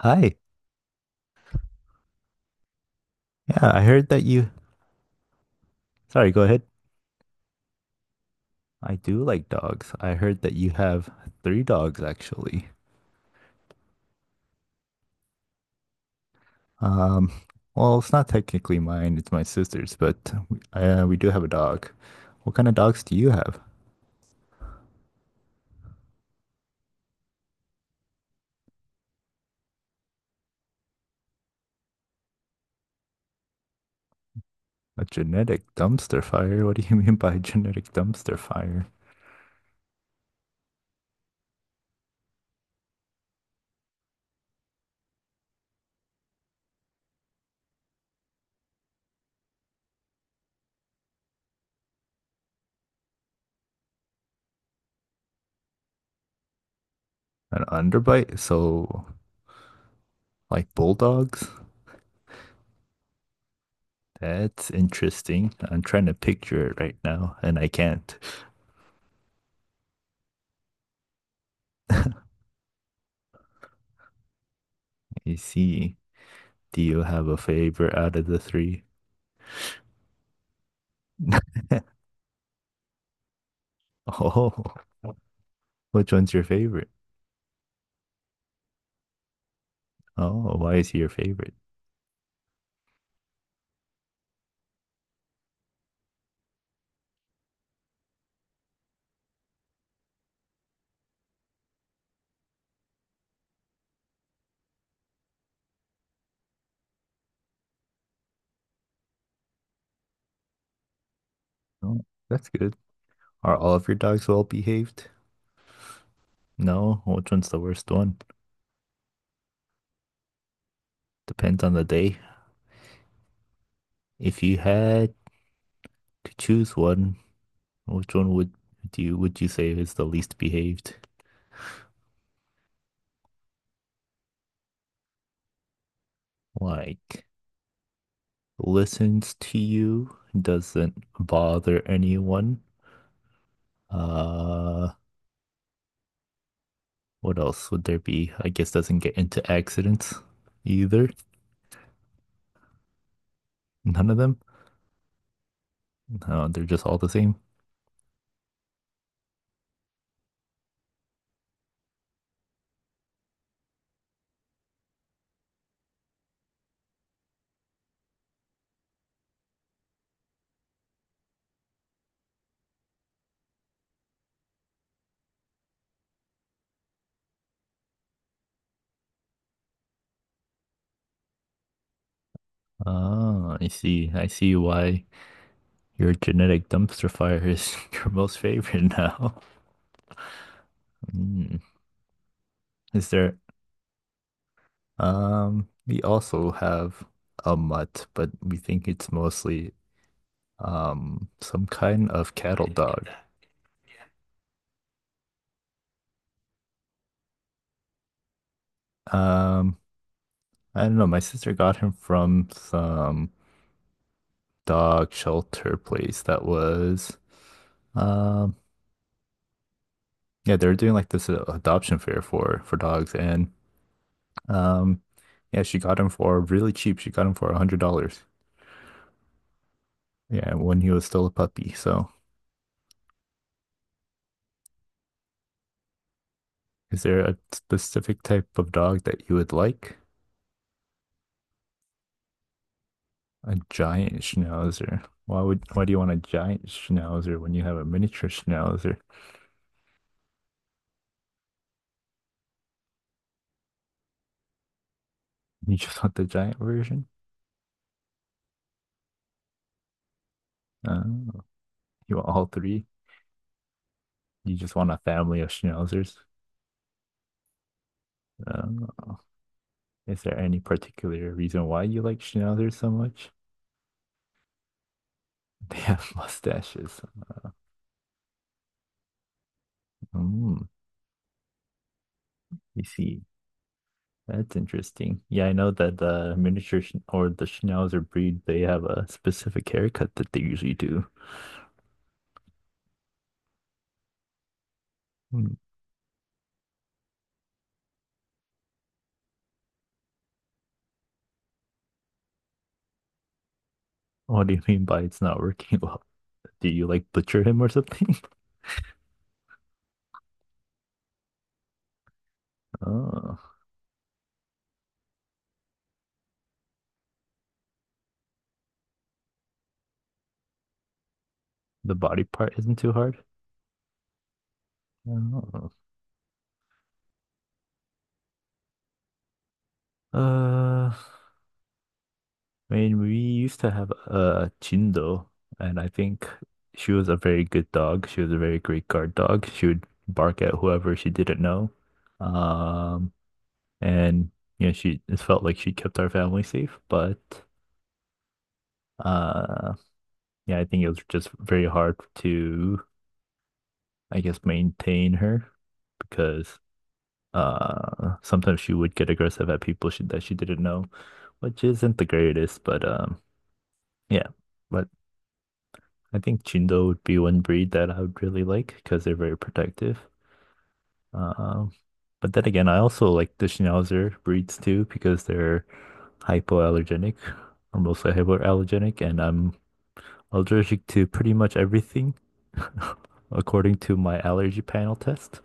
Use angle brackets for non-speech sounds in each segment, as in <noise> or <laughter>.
Hi. Yeah, I heard that you. Sorry, go ahead. I do like dogs. I heard that you have three dogs, actually. Um, well, it's not technically mine, it's my sister's, but we do have a dog. What kind of dogs do you have? A genetic dumpster fire? What do you <laughs> mean by genetic dumpster fire? An underbite? So, like bulldogs? That's interesting. I'm trying to picture it right now and I can't. You see, do you have a favorite out of the three? <laughs> Oh, which one's your favorite? Oh, why is he your favorite? Oh, that's good. Are all of your dogs well behaved? No, which one's the worst one? Depends on the day. If you had to choose one, which one would do you would you say is the least behaved? Like listens to you, doesn't bother anyone. Uh, what else would there be? I guess doesn't get into accidents either. None of them. No, they're just all the same. Ah, I see. I see why your genetic dumpster fire is <laughs> your most favorite now. Hmm. Is there? We also have a mutt, but we think it's mostly some kind of cattle dog. Um, I don't know. My sister got him from some dog shelter place that was. Um, yeah, they were doing like this adoption fair for dogs, and um, yeah, she got him for really cheap. She got him for $100. Yeah, when he was still a puppy. So, is there a specific type of dog that you would like? A giant schnauzer. Why do you want a giant schnauzer when you have a miniature schnauzer? You just want the giant version? Uh, you want all three? You just want a family of schnauzers? Uh, is there any particular reason why you like schnauzers so much? <laughs> They have mustaches. Mm, you see. That's interesting. Yeah, I know that the miniature or the Schnauzer breed, they have a specific haircut that they usually do. Hmm. What do you mean by it's not working <laughs> well? Do you like butcher him or something? <laughs> Oh, the body part isn't too hard? Oh. I mean, we used to have a Chindo, and I think she was a very good dog. She was a very great guard dog. She would bark at whoever she didn't know. Um, and she it felt like she kept our family safe, but uh yeah, I think it was just very hard to, I guess, maintain her because sometimes she would get aggressive at people that she didn't know, which isn't the greatest, but yeah, but I think Chindo would be one breed that I would really like because they're very protective. Um, but then again, I also like the Schnauzer breeds too because they're hypoallergenic or mostly hypoallergenic, and I'm allergic to pretty much everything <laughs> according to my allergy panel test.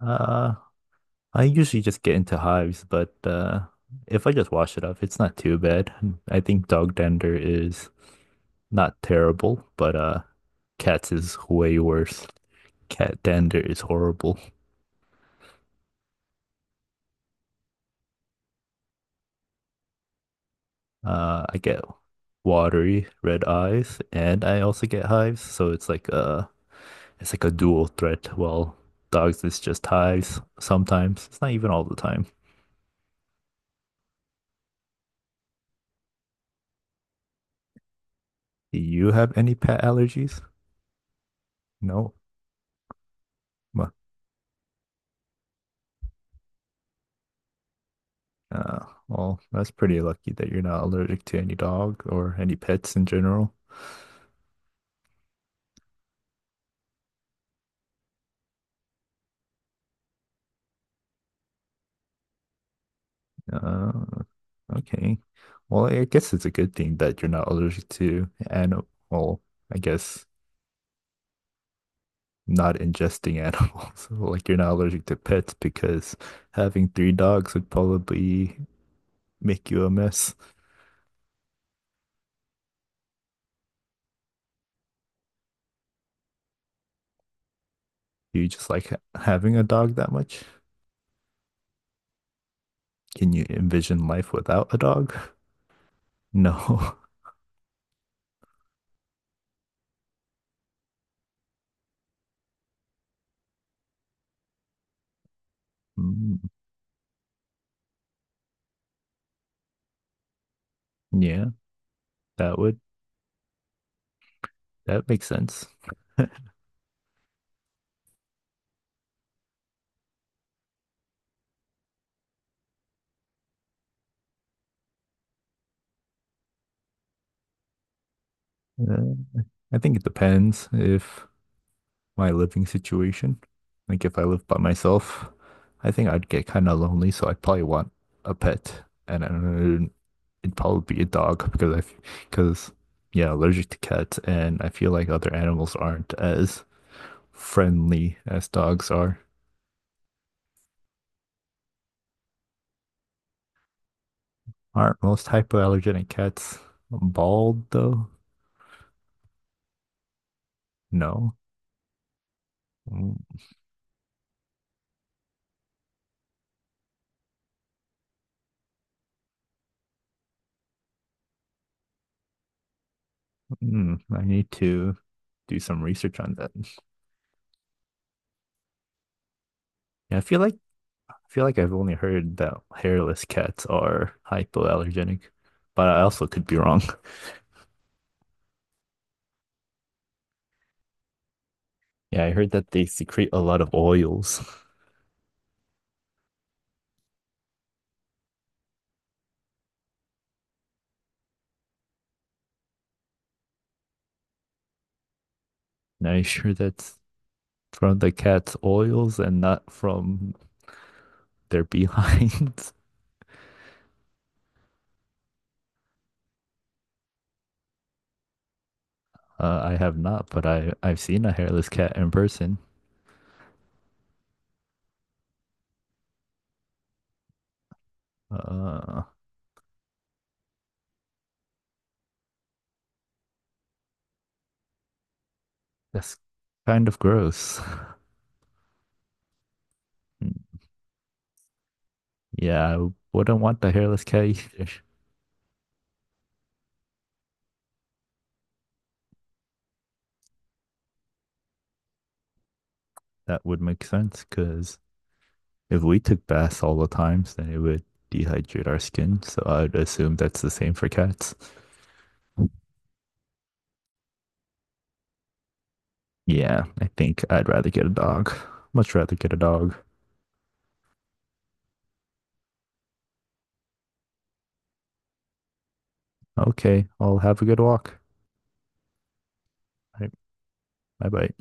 Uh, I usually just get into hives, but if I just wash it off, it's not too bad. I think dog dander is not terrible, but cats is way worse. Cat dander is horrible. I get watery red eyes, and I also get hives. So it's like a dual threat. Well, dogs is just hives sometimes. It's not even all the time. Do you have any pet allergies? No. Ma- well, that's pretty lucky that you're not allergic to any dog or any pets in general. Uh, okay. Well, I guess it's a good thing that you're not allergic to animal. I guess not ingesting animals. <laughs> Like you're not allergic to pets because having three dogs would probably make you a mess. Do you just like having a dog that much? Can you envision life without a dog? <laughs> No. <laughs> Mm, yeah, that would that makes sense. Uh, I think it depends if my living situation. Like if I live by myself, I think I'd get kind of lonely, so I'd probably want a pet, and it'd probably be a dog because because yeah, allergic to cats, and I feel like other animals aren't as friendly as dogs are. Aren't most hypoallergenic cats bald though? No. Mm, I need to do some research on that. Yeah, I feel like I've only heard that hairless cats are hypoallergenic, but I also could be wrong. <laughs> Yeah, I heard that they secrete a lot of oils. <laughs> Now, you sure that's from the cat's oils and not from their behinds? <laughs> I have not, but I've seen a hairless cat in person. Uh, that's kind of gross. <laughs> Yeah, I wouldn't want the hairless cat either. That would make sense because if we took baths all the times, then it would dehydrate our skin. So I would assume that's the same for cats. Yeah, I think I'd rather get a dog. Much rather get a dog. Okay, I'll have a good walk. All right, bye bye.